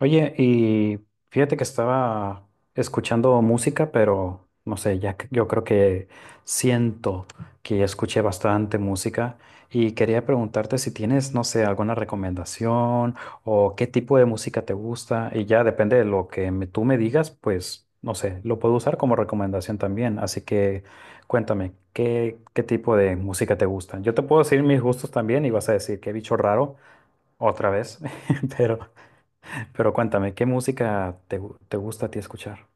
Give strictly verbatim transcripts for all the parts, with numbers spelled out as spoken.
Oye, y fíjate que estaba escuchando música, pero no sé, ya que- yo creo que siento que escuché bastante música y quería preguntarte si tienes, no sé, alguna recomendación o qué tipo de música te gusta y ya depende de lo que me- tú me digas, pues no sé, lo puedo usar como recomendación también, así que cuéntame, ¿qué, qué tipo de música te gusta? Yo te puedo decir mis gustos también y vas a decir qué bicho raro otra vez, pero... Pero cuéntame, ¿qué música te, gu- te gusta a ti escuchar?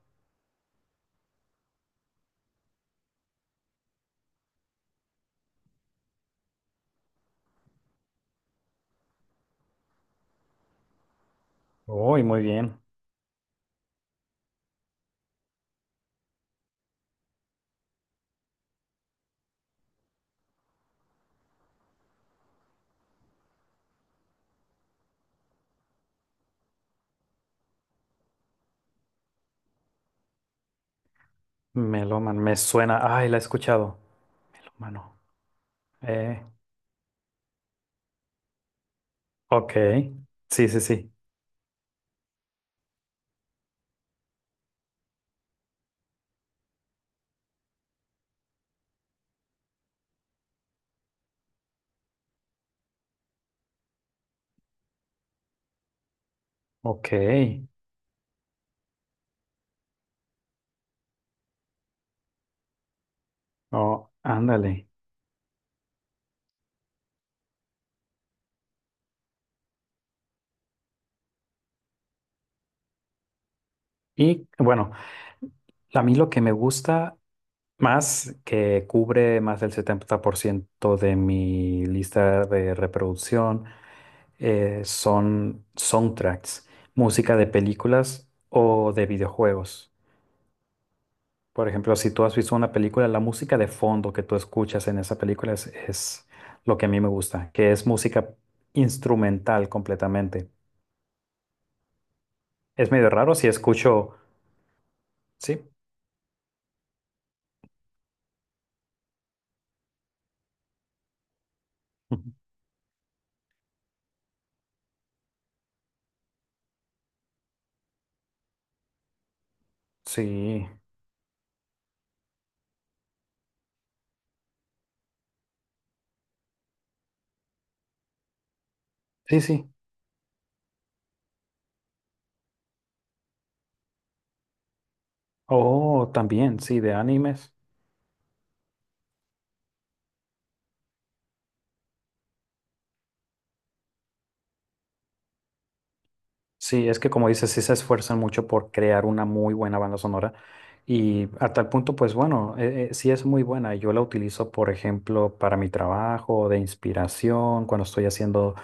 Uy, muy bien. Meloman, me suena. Ay, la he escuchado. Melómano. Eh, ok. Sí, sí, sí. Ok. Oh, ándale. Y bueno, a mí lo que me gusta más, que cubre más del setenta por ciento de mi lista de reproducción, eh, son soundtracks, música de películas o de videojuegos. Por ejemplo, si tú has visto una película, la música de fondo que tú escuchas en esa película es, es lo que a mí me gusta, que es música instrumental completamente. Es medio raro si escucho, sí, ujú, sí, sí, sí. Oh, también, sí, de animes. Sí, es que como dices, sí se esfuerzan mucho por crear una muy buena banda sonora y a tal punto, pues bueno, eh, eh, sí es muy buena. Yo la utilizo, por ejemplo, para mi trabajo, de inspiración, cuando estoy haciendo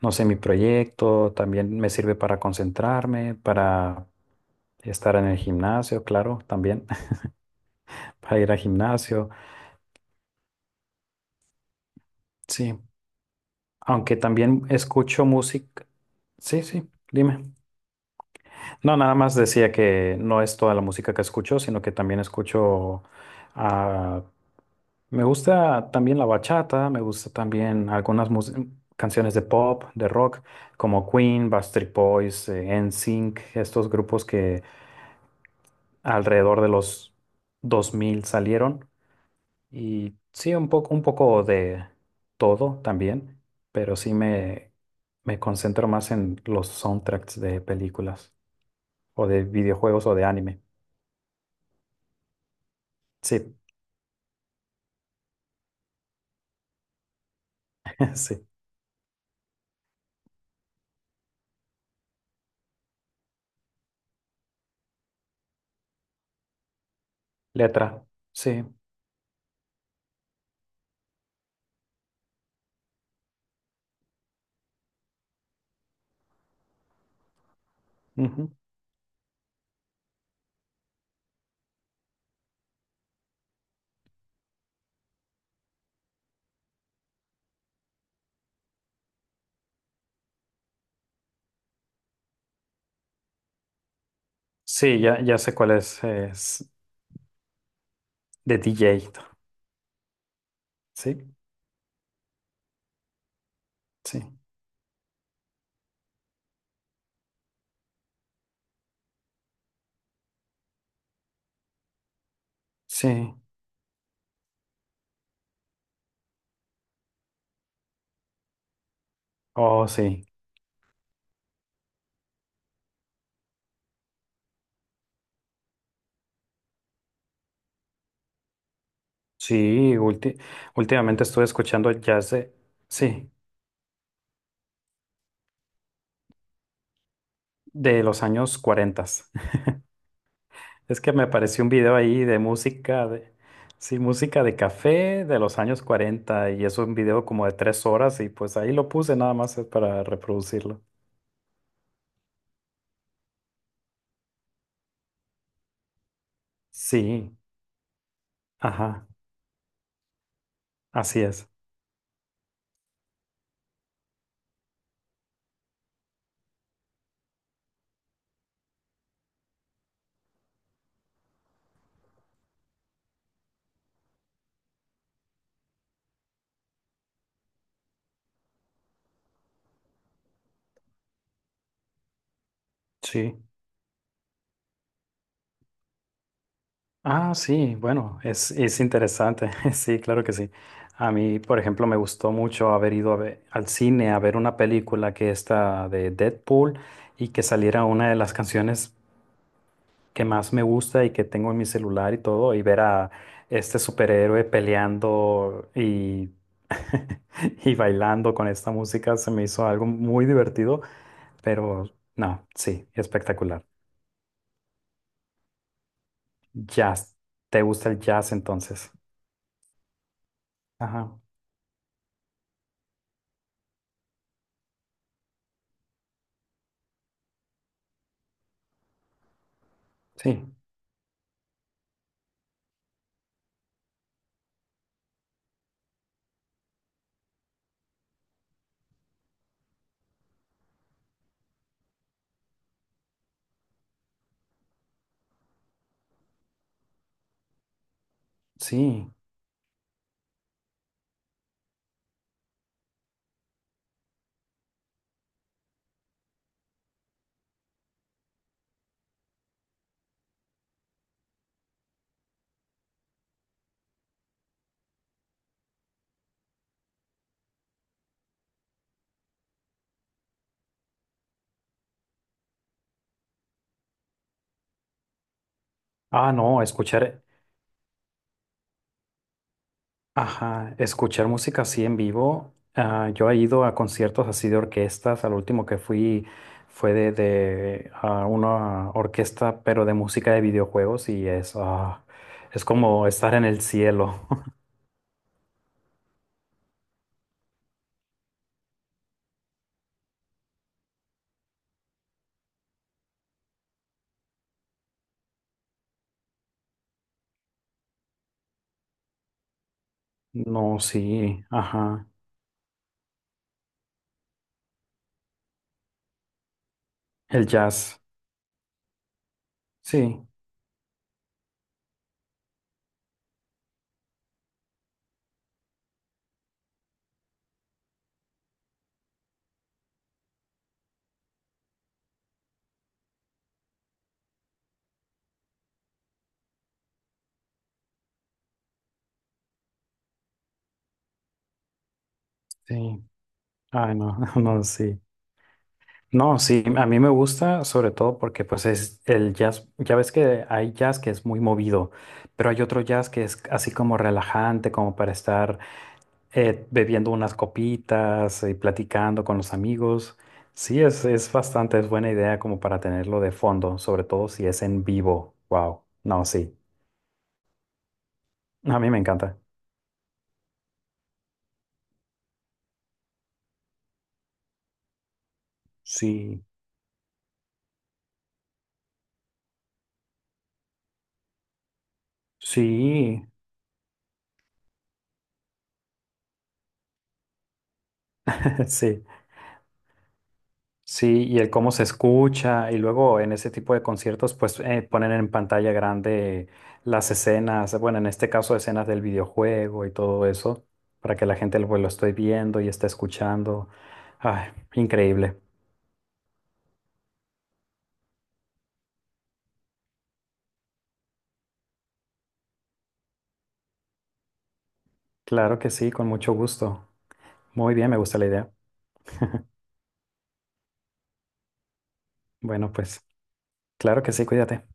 no sé, mi proyecto, también me sirve para concentrarme, para estar en el gimnasio, claro, también para ir al gimnasio. Sí, aunque también escucho música. Sí, sí, dime. No, nada más decía que no es toda la música que escucho, sino que también escucho, ah, me gusta también la bachata, me gusta también algunas mus- canciones de pop, de rock, como Queen, Backstreet Boys, eh, N S Y N C, estos grupos que alrededor de los dos mil salieron y sí, un poco, un poco de todo también, pero sí me, me concentro más en los soundtracks de películas o de videojuegos o de anime. Sí, sí. Letra, sí. Ujú. Sí, ya, ya sé cuál es, es de D J. Sí, sí, sí. Oh, sí. Sí, ulti- últimamente estuve escuchando jazz de, sí, de los años cuarenta. Es que me apareció un video ahí de música, de, sí, música de café de los años cuarenta y es un video como de tres horas y pues ahí lo puse nada más eh, para reproducirlo. Sí, ajá, así es, sí. Ah, sí, bueno, es, es interesante, sí, claro que sí. A mí, por ejemplo, me gustó mucho haber ido a ve- al cine a ver una película que está de Deadpool y que saliera una de las canciones que más me gusta y que tengo en mi celular y todo, y ver a este superhéroe peleando y, y bailando con esta música se me hizo algo muy divertido, pero no, sí, espectacular. Jazz. ¿Te gusta el jazz entonces? Ajá, sí, sí. Ah, no, escuchar. Ajá, escuchar música así en vivo. Ah, yo he ido a conciertos así de orquestas. Al último que fui fue de, de, ah, una orquesta, pero de música de videojuegos y es, ah, es como estar en el cielo. No, sí, ajá. El jazz. Sí, sí. Ay, no, no, sí. No, sí, a mí me gusta sobre todo porque pues es el jazz, ya ves que hay jazz que es muy movido, pero hay otro jazz que es así como relajante, como para estar eh, bebiendo unas copitas y platicando con los amigos. Sí, es, es bastante, es buena idea como para tenerlo de fondo, sobre todo si es en vivo. Wow. No, sí. A mí me encanta. Sí, sí, sí. Sí, y el cómo se escucha, y luego en ese tipo de conciertos, pues eh, ponen en pantalla grande las escenas, bueno, en este caso escenas del videojuego y todo eso, para que la gente lo, lo esté viendo y esté escuchando. Ay, increíble. Claro que sí, con mucho gusto. Muy bien, me gusta la idea. Bueno, pues claro que sí, cuídate.